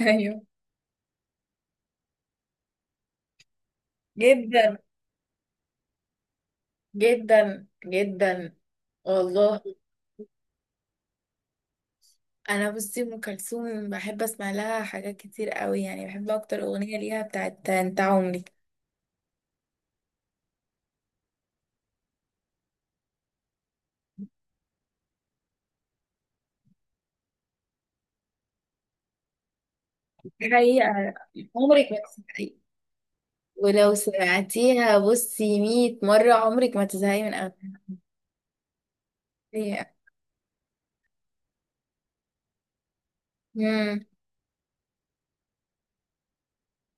ايوه، جدا جدا جدا، والله. انا بصي، ام كلثوم بحب اسمع لها حاجات كتير قوي، يعني بحب اكتر اغنيه ليها بتاعت انت عمري. دي حقيقه، عمرك ما تزهقي. ولو سمعتيها بصي 100 مره عمرك ما تزهقي من اغانيها. امم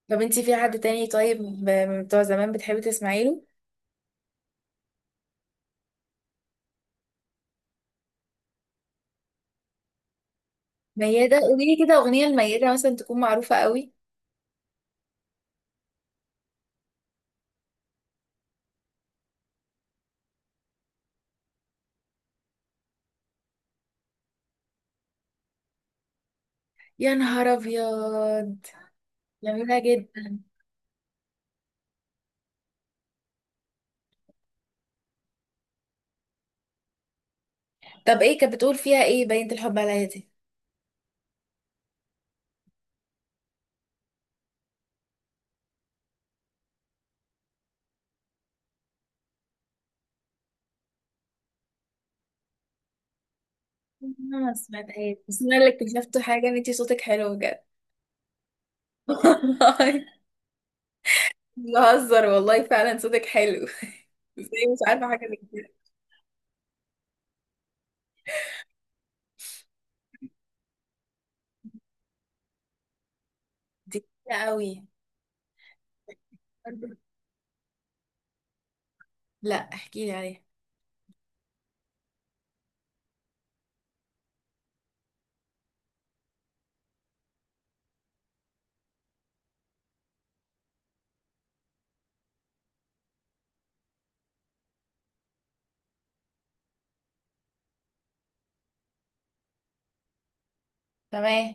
طب انتي في حد تاني؟ طيب من بتوع زمان بتحبي تسمعي له؟ ميادة؟ قولي لي كده اغنيه لميادة مثلا تكون معروفه قوي. يا نهار ابيض. جميله جدا. طب ايه كانت بتقول فيها؟ ايه بنت الحب عليا دي؟ انا ما سمعتهاش، بس انا اللي اكتشفت حاجه، ان انتي صوتك حلو بجد والله. بهزر، والله فعلا صوتك حلو ازاي؟ مش عارفه حاجه زي كده. دي كتير قوي. لا، احكي لي عليها. تمام،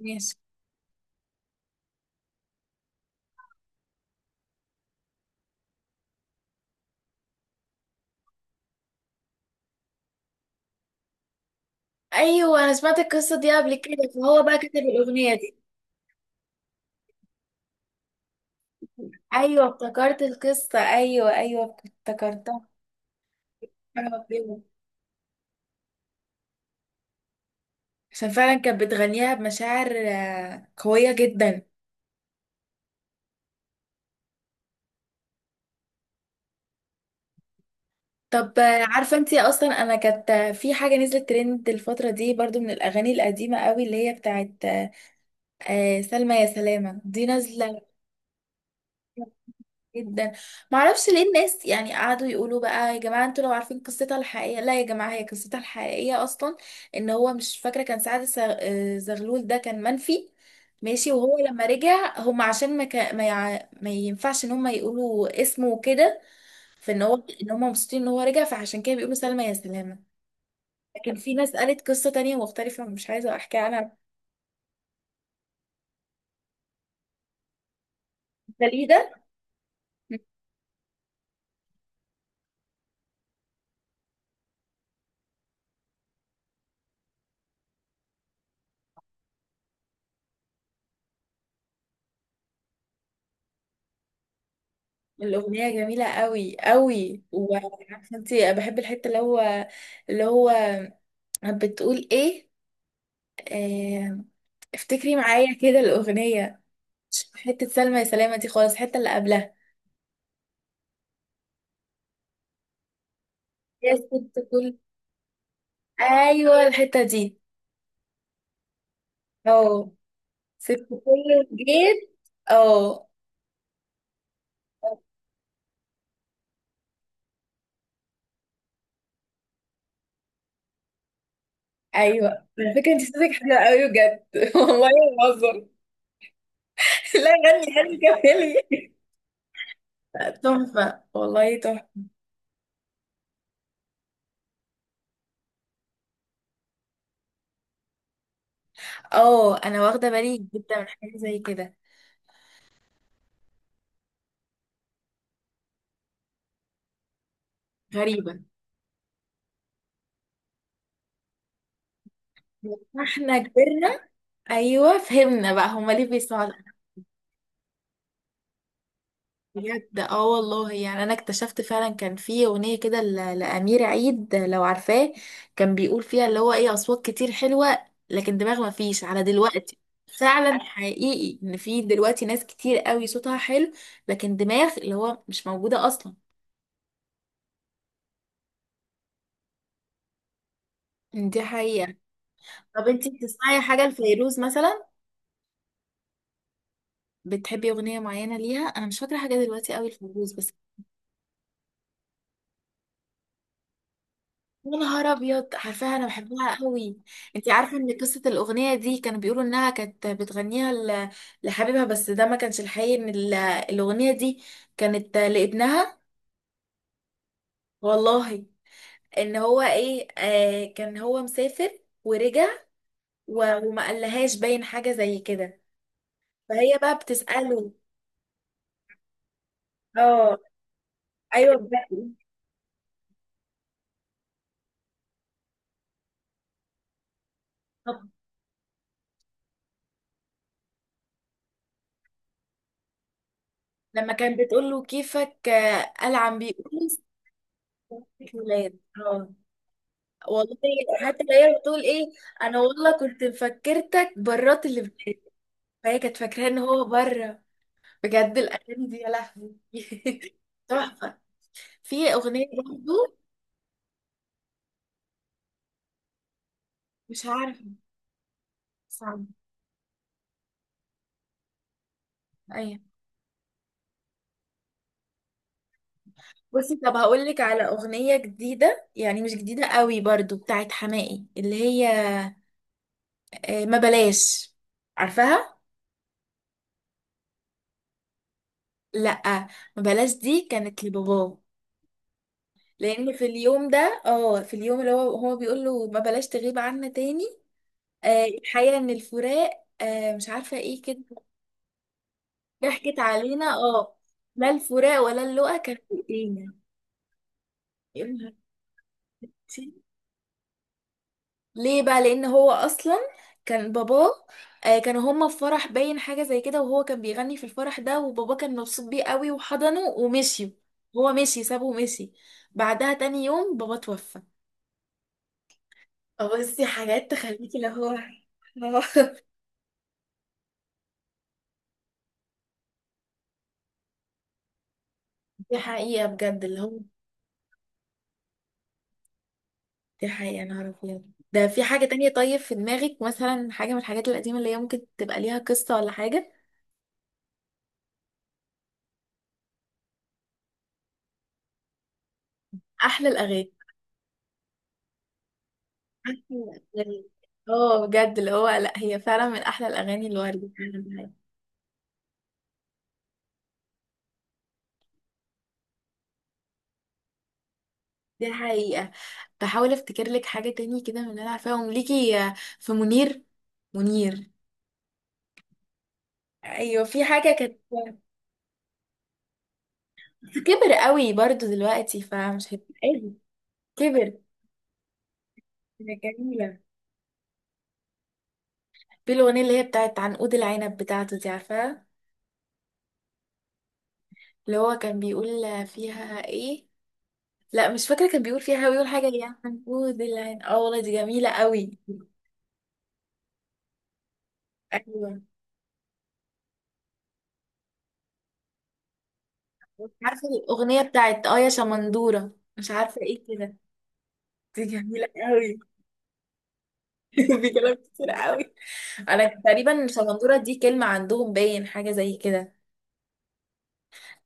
ماشي. ايوه، انا سمعت القصه دي قبل كده، فهو بقى كتب الاغنيه دي. ايوه افتكرت القصه، ايوه ايوه افتكرتها. أنا بقول، عشان فعلا كانت بتغنيها بمشاعر قويه جدا. طب عارفه انتي اصلا، انا كانت في حاجه نزلت ترند الفتره دي برضو من الاغاني القديمه قوي، اللي هي بتاعت سلمى يا سلامه دي نازله. جدا. معرفش ليه الناس يعني قعدوا يقولوا بقى، يا جماعه انتوا لو عارفين قصتها الحقيقيه، لا يا جماعه هي قصتها الحقيقيه اصلا ان هو مش فاكره، كان سعد زغلول ده كان منفي. ماشي، وهو لما رجع هم عشان ما, كا- ما, يع... ما ينفعش ان هم يقولوا اسمه وكده. فان هو ان هم مبسوطين ان هو رجع، فعشان كده بيقولوا سلمى يا سلامه. لكن في ناس قالت قصة تانية مختلفة، مش عايزة أحكيها عنها. داليدا. الأغنية جميلة قوي قوي. وعارفة انتي بحب الحتة اللي هو اللي هو بتقول ايه؟ آه، افتكري معايا كده الأغنية. مش حتة سلمى يا سلامة دي خالص، الحتة اللي قبلها. يا ست كل، أيوة الحتة دي. اه، ست كل جيت. اه ايوه. على فكره انت صوتك حلو قوي بجد والله، ما بهزر لا غني، غني كملي. تحفة، والله تحفة. اه، انا واخدة بالي جدا من حاجة زي كده. غريبة. احنا كبرنا، ايوه فهمنا بقى هما ليه بيسمعوا ده. بجد، اه والله. يعني انا اكتشفت فعلا كان في اغنية كده لأمير عيد، لو عارفاه، كان بيقول فيها اللي هو ايه، اصوات كتير حلوة لكن دماغ ما فيش على دلوقتي. فعلا حقيقي ان في دلوقتي ناس كتير قوي صوتها حلو، لكن دماغ اللي هو مش موجودة اصلا. دي حقيقة. طب انتي بتسمعي حاجة لفيروز مثلا؟ بتحبي اغنيه معينه ليها؟ انا مش فاكره حاجه دلوقتي قوي الفيروز بس. يا نهار ابيض، عارفاها، انا بحبها قوي. انت عارفه ان قصه الاغنيه دي كانوا بيقولوا انها كانت بتغنيها لحبيبها، بس ده ما كانش الحقيقي. ان الاغنيه دي كانت لابنها، والله. ان هو ايه كان هو مسافر ورجع، وما قالهاش، باين حاجه زي كده، فهي بقى بتساله. اه ايوه بقى. طب لما كان بتقول له كيفك، قال عم بيقول ولاد، اه والله. حتى هي بتقول ايه؟ انا والله كنت مفكرتك برات، اللي بجد، فهي كانت فاكراه ان هو بره. بجد الاغاني دي، يا لهوي تحفه. في اغنيه برضه، مش عارفه، صعب. ايوه. بصي، طب هقول لك على اغنيه جديده، يعني مش جديده قوي برضو، بتاعت حماقي، اللي هي ما بلاش، عارفاها. لا ما بلاش دي كانت لباباه. لان في اليوم اللي هو بيقول له ما بلاش تغيب عنا تاني. الحقيقة ان الفراق، مش عارفة ايه كده، ضحكت علينا، اه. لا، الفراق ولا اللقا كان في ايدينا. يا نهار أسود. ليه بقى؟ لان هو اصلا كان باباه. كانوا هما في فرح، باين حاجة زي كده، وهو كان بيغني في الفرح ده، وباباه كان مبسوط بيه قوي، وحضنه ومشي. هو مشي، سابه ومشي. بعدها تاني يوم بابا توفى. اه بصي، حاجات تخليكي اللي هو دي حقيقة بجد، اللي هو. دي حقيقة، أنا أعرف يعني. ده في حاجة تانية. طيب في دماغك مثلا حاجة من الحاجات القديمة اللي هي ممكن تبقى ليها قصة ولا حاجة؟ أحلى الأغاني، أحلى الأغاني. اه بجد اللي هو، لا هي فعلا من أحلى الأغاني اللي وردت فعلاً. دي حقيقة. بحاول أفتكر لك حاجة تاني كده من اللي أنا عارفاهم ليكي في منير. منير، أيوة في حاجة كانت، بس كبر قوي برضو دلوقتي فمش هتبقى كبر، كانت جميلة. في الأغنية اللي هي بتاعت عنقود العنب بتاعته دي، عارفاها؟ اللي هو كان بيقول فيها ايه؟ لا مش فاكرة، كان بيقول حاجة يا حنفود العين، اه والله دي جميلة قوي. ايوه، مش عارفة الأغنية بتاعت، اه، يا شمندورة، مش عارفة ايه كده. دي جميلة قوي في كلام كتير قوي. انا تقريبا شمندورة دي كلمة عندهم، باين حاجة زي كده.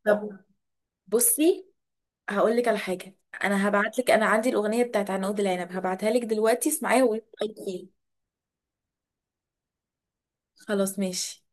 طب بصي هقول لك على حاجة. انا هبعت لك، انا عندي الأغنية بتاعت عنقود العنب، هبعتها لك دلوقتي، اسمعيها وقولي رأيك فيها. خلاص ماشي.